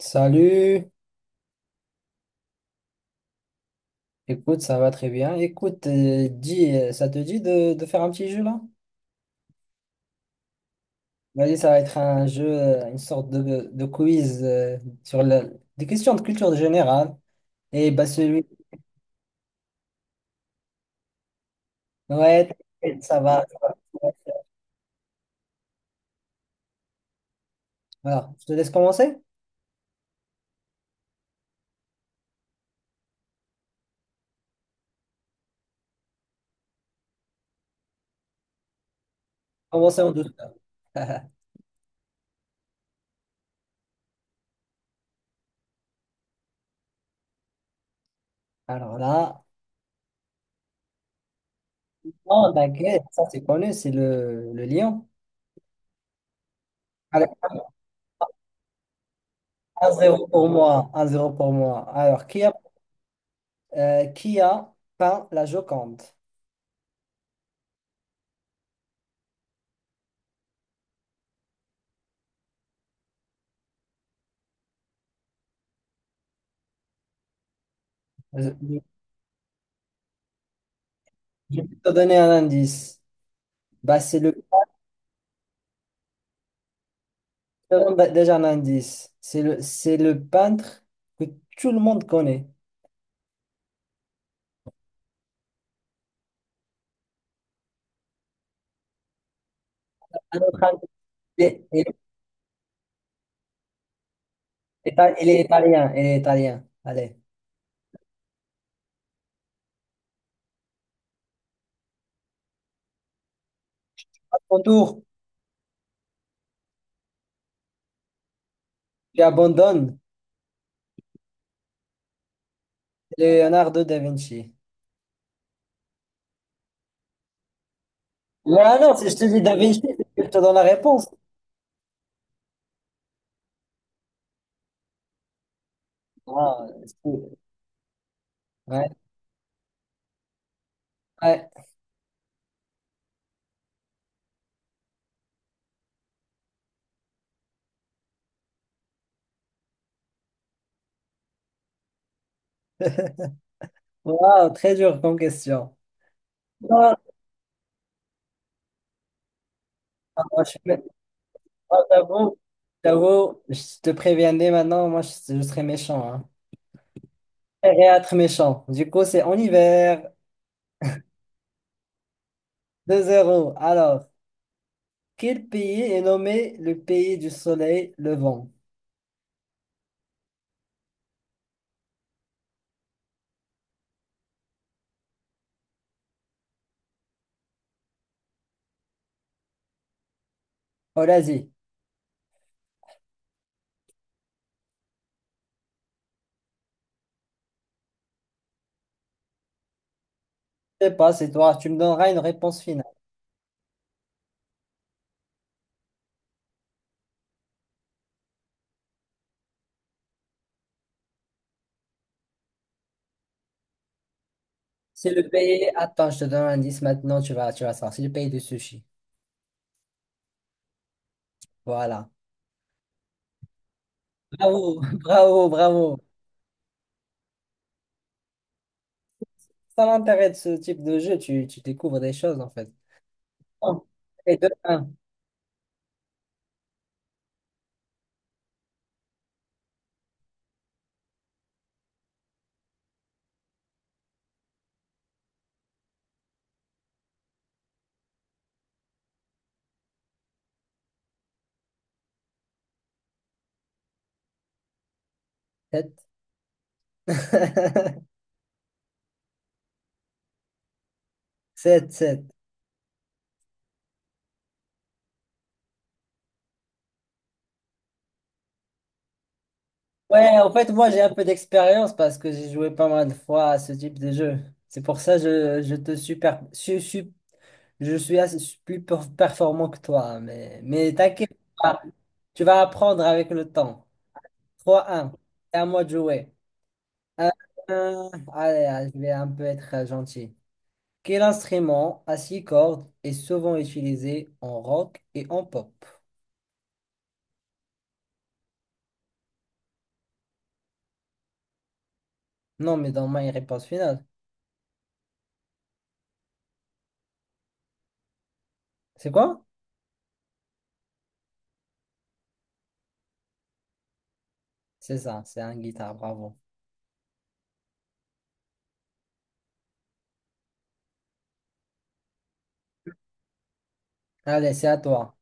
Salut, écoute, ça va très bien. Écoute, dis, ça te dit de faire un petit jeu là? Vas-y, ça va être un jeu, une sorte de quiz sur la- des questions de culture générale. Et bah celui, ouais, t'inquiète, ça va. Voilà, je te laisse commencer? Commencer en douceur. Alors là, non, t'inquiète, ça c'est connu, c'est le lion. Allez, 1-0 pour moi, un zéro pour moi. Alors, qui a peint la Joconde? Je vais te donner un indice. Bah, c'est le... je te donne bah, déjà un indice. C'est le peintre que tout le monde connaît. Un autre indice. Il est, il il est italien. Il est italien. Allez. À ton tour, tu abandonnes Leonardo da Vinci. Ouais, non, si je te dis da Vinci, c'est que je te donne la réponse. Ah, c'est- ouais, ouais. Wow, très dur comme question. Non, moi, je suis... mé- moi, j'avoue, je te préviens dès maintenant, moi, je serais méchant, hein. Et être méchant. Du coup, c'est en hiver. 2 zéro. Alors, quel pays est nommé le pays du soleil levant? Oh, l'Asie. Je sais pas, c'est toi. Tu me donneras une réponse finale. C'est le pays. Attends, je te donne un indice maintenant. Tu vas savoir. C'est le pays du sushi. Voilà. Bravo, bravo, bravo. Ça l'intérêt de ce type de jeu. Tu découvres des choses, en fait. Bon. Et deux un sept. Sept sept. Ouais, en fait, moi, j'ai un peu d'expérience parce que j'ai joué pas mal de fois à ce type de jeu. C'est pour ça que je te super, su- su- je suis plus performant que toi, hein. Mais t'inquiète pas, tu vas apprendre avec le temps. Trois un. C'est à moi de jouer. Un, un. Allez, allez, je vais un peu être gentil. Quel instrument à six cordes est souvent utilisé en rock et en pop? Non, mais dans ma réponse finale. C'est quoi? C'est ça, c'est un guitare, bravo. Allez, c'est à toi.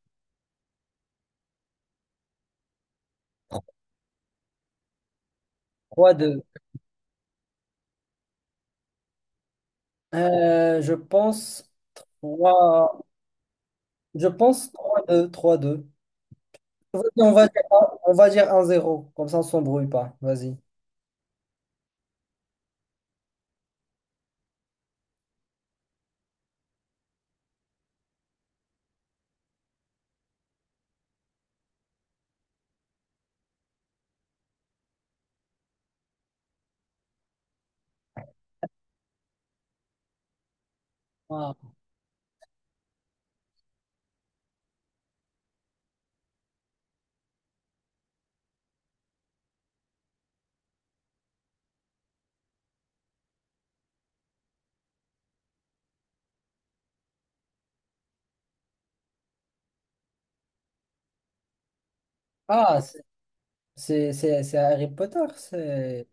Trois deux. Je pense trois. Je pense trois deux, trois deux. Vas-y, on va dire, on va dire un zéro. Comme ça, on s'embrouille pas. Vas-y. Ah, Ah, c'est c'est Harry Potter. C'est.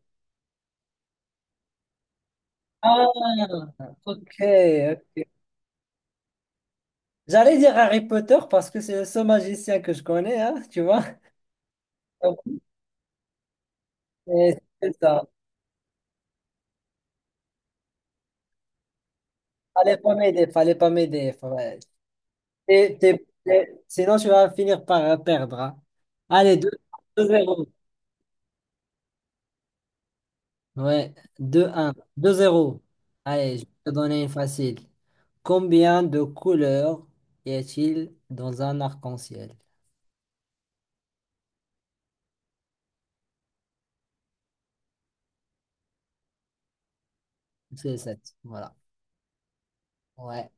Ah, ok, ok. J'allais dire Harry Potter parce que c'est le seul magicien que je connais, hein, tu vois. Donc, c'est ça. Fallait pas m'aider. Fallait pas m'aider. Sinon, tu vas finir par perdre, hein. Allez, deux zéro. Ouais, deux un, deux zéro. Allez, je vais te donner une facile. Combien de couleurs y a-t-il dans un arc-en-ciel? C'est sept. Voilà. Ouais.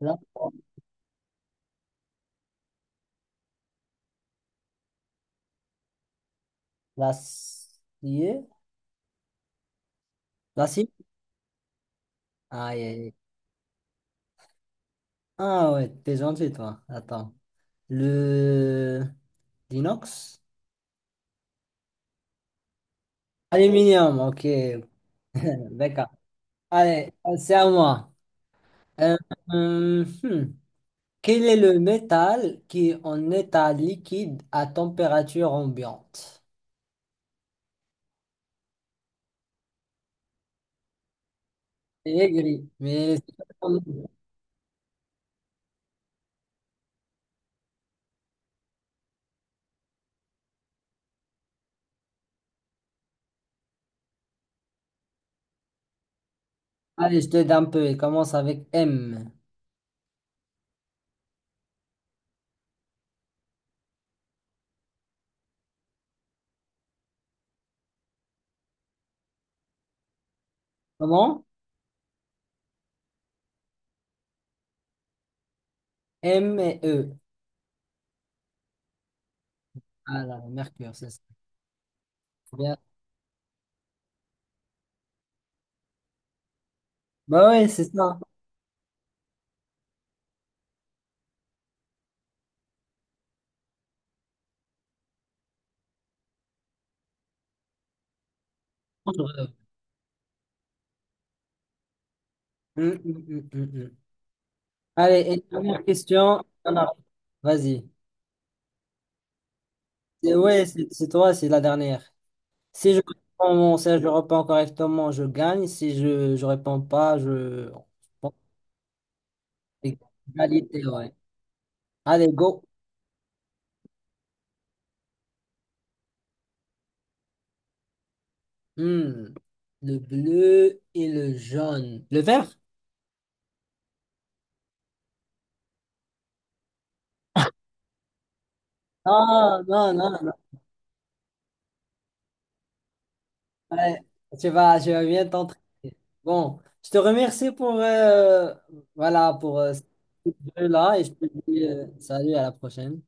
Là, l'acier? L'acier? Aïe, aïe, aïe. Ah ouais, t'es gentil, toi. Attends. Le... L'inox? Aluminium, ok. D'accord. Allez, c'est à moi. Euh, hum, hmm. Quel est le métal qui est en état liquide à température ambiante? C'est aigri, mais... c'est pas comme- Allez, je t'aide un peu. Il commence avec M. Comment? M et E. Ah là, le mercure, c'est ça. Bien. Bah ouais, c'est ça. Hum, hum, hum. Allez, et une dernière question. On a- vas-y. Ouais, c'est toi, c'est la dernière. Si je réponds, si je réponds correctement, je gagne. Si je réponds pas, je... Bon, égalité, ouais. Allez, go. Hmm. Le bleu et le jaune. Le vert? Ah, non, non, non. Ouais, tu vas bien t'entraîner. Bon, je te remercie pour, voilà, pour ce jeu-là et je te dis salut à la prochaine.